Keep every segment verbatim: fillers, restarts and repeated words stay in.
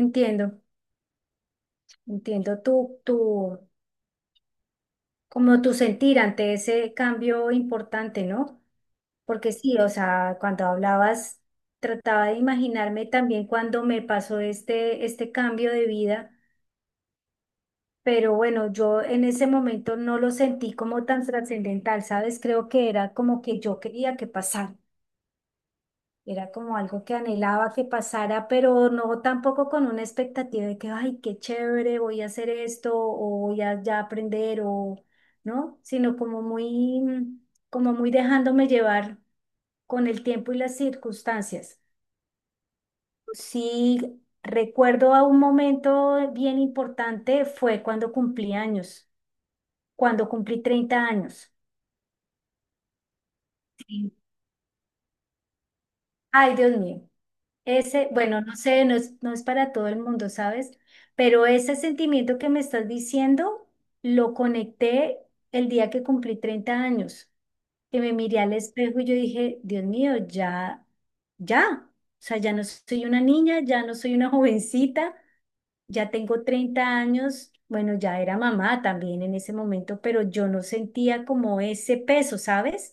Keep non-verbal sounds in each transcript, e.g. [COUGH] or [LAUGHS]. Entiendo, entiendo tu, tu, como tu sentir ante ese cambio importante, ¿no? Porque sí, o sea, cuando hablabas, trataba de imaginarme también cuando me pasó este, este cambio de vida, pero bueno, yo en ese momento no lo sentí como tan trascendental, ¿sabes? Creo que era como que yo quería que pasara. Era como algo que anhelaba que pasara, pero no tampoco con una expectativa de que, ay, qué chévere, voy a hacer esto o voy a ya aprender o, ¿no? Sino como muy, mm, como muy dejándome llevar con el tiempo y las circunstancias. Sí, recuerdo a un momento bien importante fue cuando cumplí años, cuando cumplí treinta años. Sí. Ay, Dios mío. Ese, bueno, no sé, no es, no es para todo el mundo, ¿sabes? Pero ese sentimiento que me estás diciendo lo conecté el día que cumplí treinta años, que me miré al espejo y yo dije, Dios mío, ya, ya, o sea, ya no soy una niña, ya no soy una [LAUGHS] jovencita, ya tengo treinta años, bueno, ya era mamá también en ese momento, pero yo no sentía como ese peso, ¿sabes?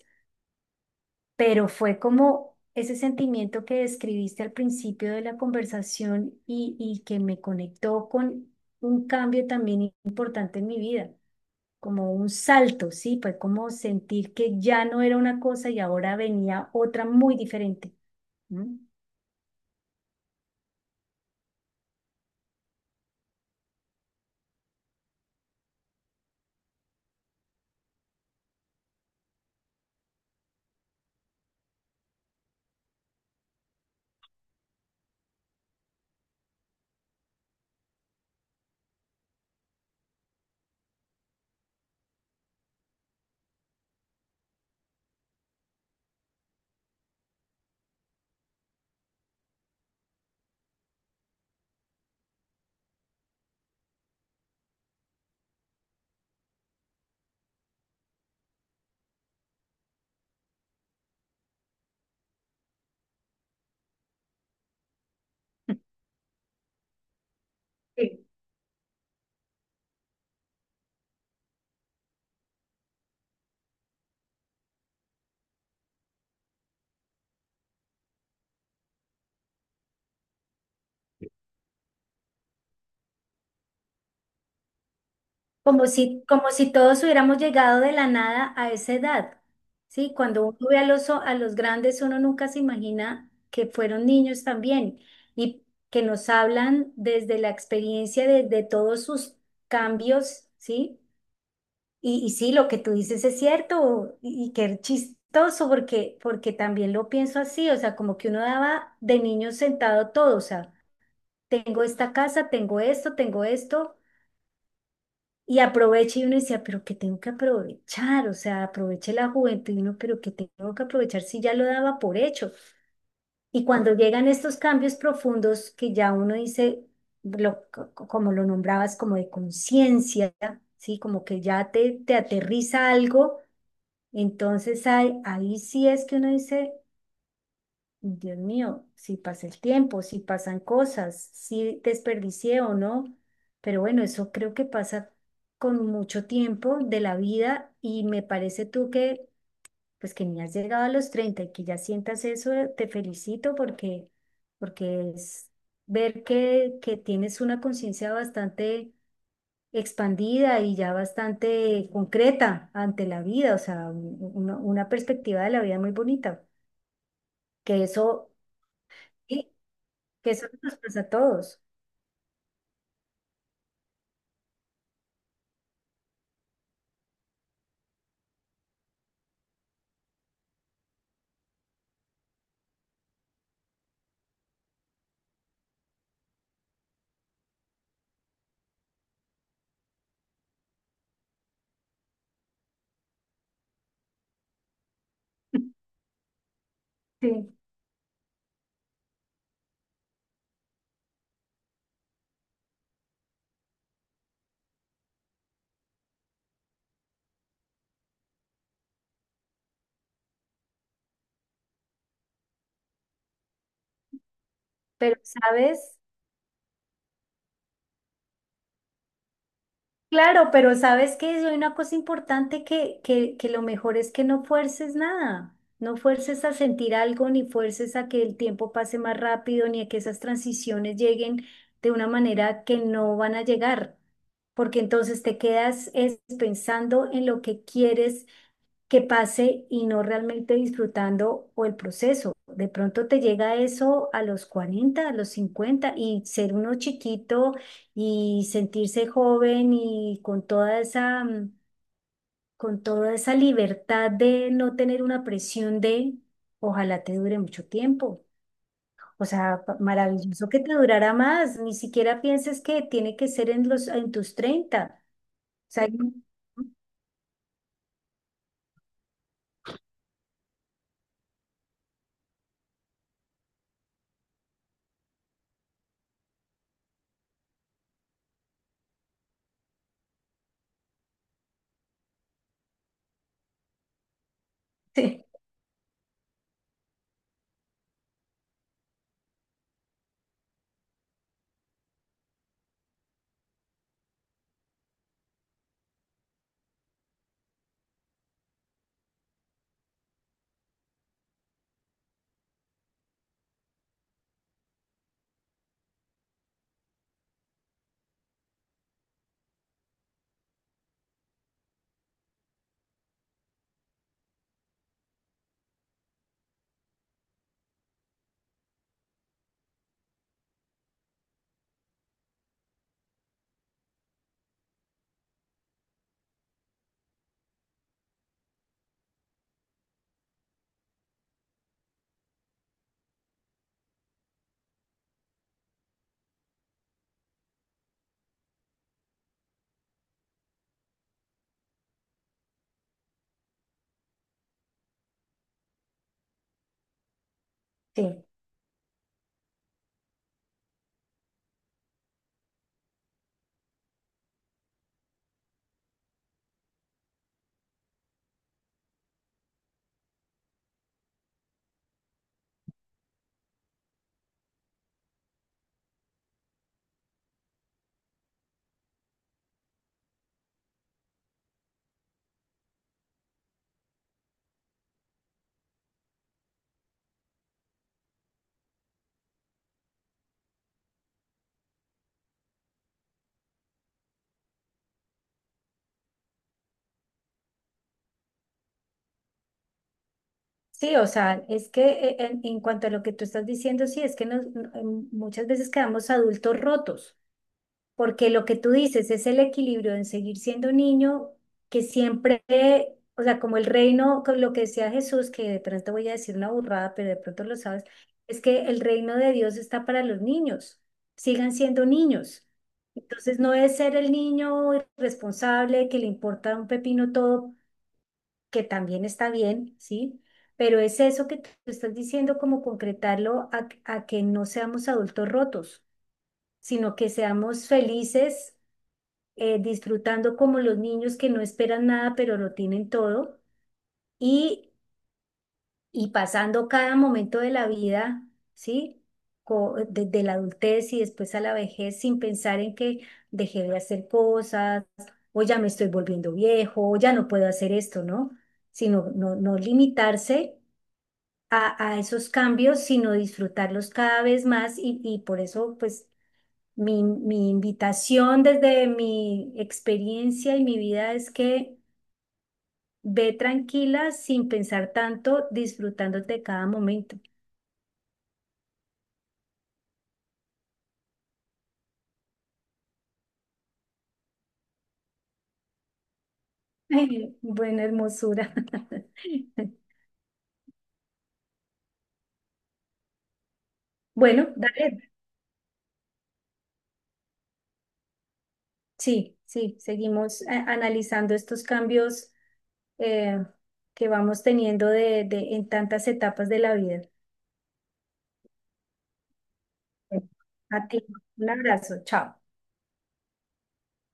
Pero fue como ese sentimiento que describiste al principio de la conversación y, y que me conectó con un cambio también importante en mi vida, como un salto, ¿sí? Fue como sentir que ya no era una cosa y ahora venía otra muy diferente. ¿No? Sí. Como si, como si todos hubiéramos llegado de la nada a esa edad, ¿sí? Cuando uno ve a los, o- a los grandes, uno nunca se imagina que fueron niños también y que nos hablan desde la experiencia de, de todos sus cambios, ¿sí? Y, y sí, lo que tú dices es cierto y, y qué chistoso porque, porque también lo pienso así, o sea, como que uno daba de niño sentado todo, o sea, tengo esta casa, tengo esto, tengo esto. Y aproveche y uno decía, pero ¿qué tengo que aprovechar? O sea, aproveche la juventud y uno, pero ¿qué tengo que aprovechar si ya lo daba por hecho? Y cuando llegan estos cambios profundos que ya uno dice, lo- co- co- como lo nombrabas, como de conciencia, ¿sí? Como que ya te, te aterriza algo, entonces ahí, ahí sí es que uno dice, Dios mío, si pasa el tiempo, si pasan cosas, si desperdicié o no, pero bueno, eso creo que pasa con mucho tiempo de la vida y me parece tú que, pues que ni has llegado a los treinta y que ya sientas eso, eh, te felicito porque, porque es ver que, que tienes una conciencia bastante expandida y ya bastante concreta ante la vida, o sea, un- una una perspectiva de la vida muy bonita, que eso... Sí, que eso nos pasa a todos. [LAUGHS] Sí. Pero sabes, claro, pero sabes que hay una cosa importante que, que, que lo mejor es que no fuerces nada, no fuerces a sentir algo, ni fuerces a que el tiempo pase más rápido, ni a que esas transiciones lleguen de una manera que no van a llegar, porque entonces te quedas es, pensando en lo que quieres que pase y no realmente disfrutando o el proceso. De pronto te llega eso a los cuarenta a los cincuenta y ser uno chiquito y sentirse joven y con toda esa, mm, con toda esa libertad de no tener una presión de ojalá te dure mucho tiempo. O sea, pa- maravilloso que te durara más. Ni siquiera pienses que tiene que ser en los, en tus treinta. O sea, [LAUGHS] sí, sí. Sí, o sea, es que eh, en, en cuanto a lo que tú estás diciendo, sí, es que nos- n- em, muchas veces quedamos adultos rotos, porque lo que tú dices es el equilibrio en seguir siendo niño, que siempre, eh, o sea, como el reino, con lo que decía Jesús, que de pronto voy a decir una burrada, pero de pronto lo sabes, es que el reino de Dios está para los niños, sigan siendo niños. Entonces no es ser el niño irresponsable que le importa un pepino todo que también está bien, ¿sí? Pero es eso que tú estás diciendo, como concretarlo a, a que no seamos adultos rotos, sino que seamos felices, eh, disfrutando como los niños que no esperan nada, pero lo tienen todo, y, y pasando cada momento de la vida, ¿sí? Co- Desde la adultez y después a la vejez, sin pensar en que dejé de hacer cosas, o ya me estoy volviendo viejo, o ya no puedo hacer esto, ¿no? Sino no, no limitarse a, a esos cambios, sino disfrutarlos cada vez más y, y por eso, pues, mi, mi invitación desde mi experiencia y mi vida es que ve tranquila sin pensar tanto, disfrutándote cada momento. [LAUGHS] Buena hermosura. [LAUGHS] Bueno, dale. Sí, sí, seguimos eh, analizando estos cambios eh, que vamos teniendo de, de, en tantas etapas de la vida. Bueno, a ti, un abrazo, chao.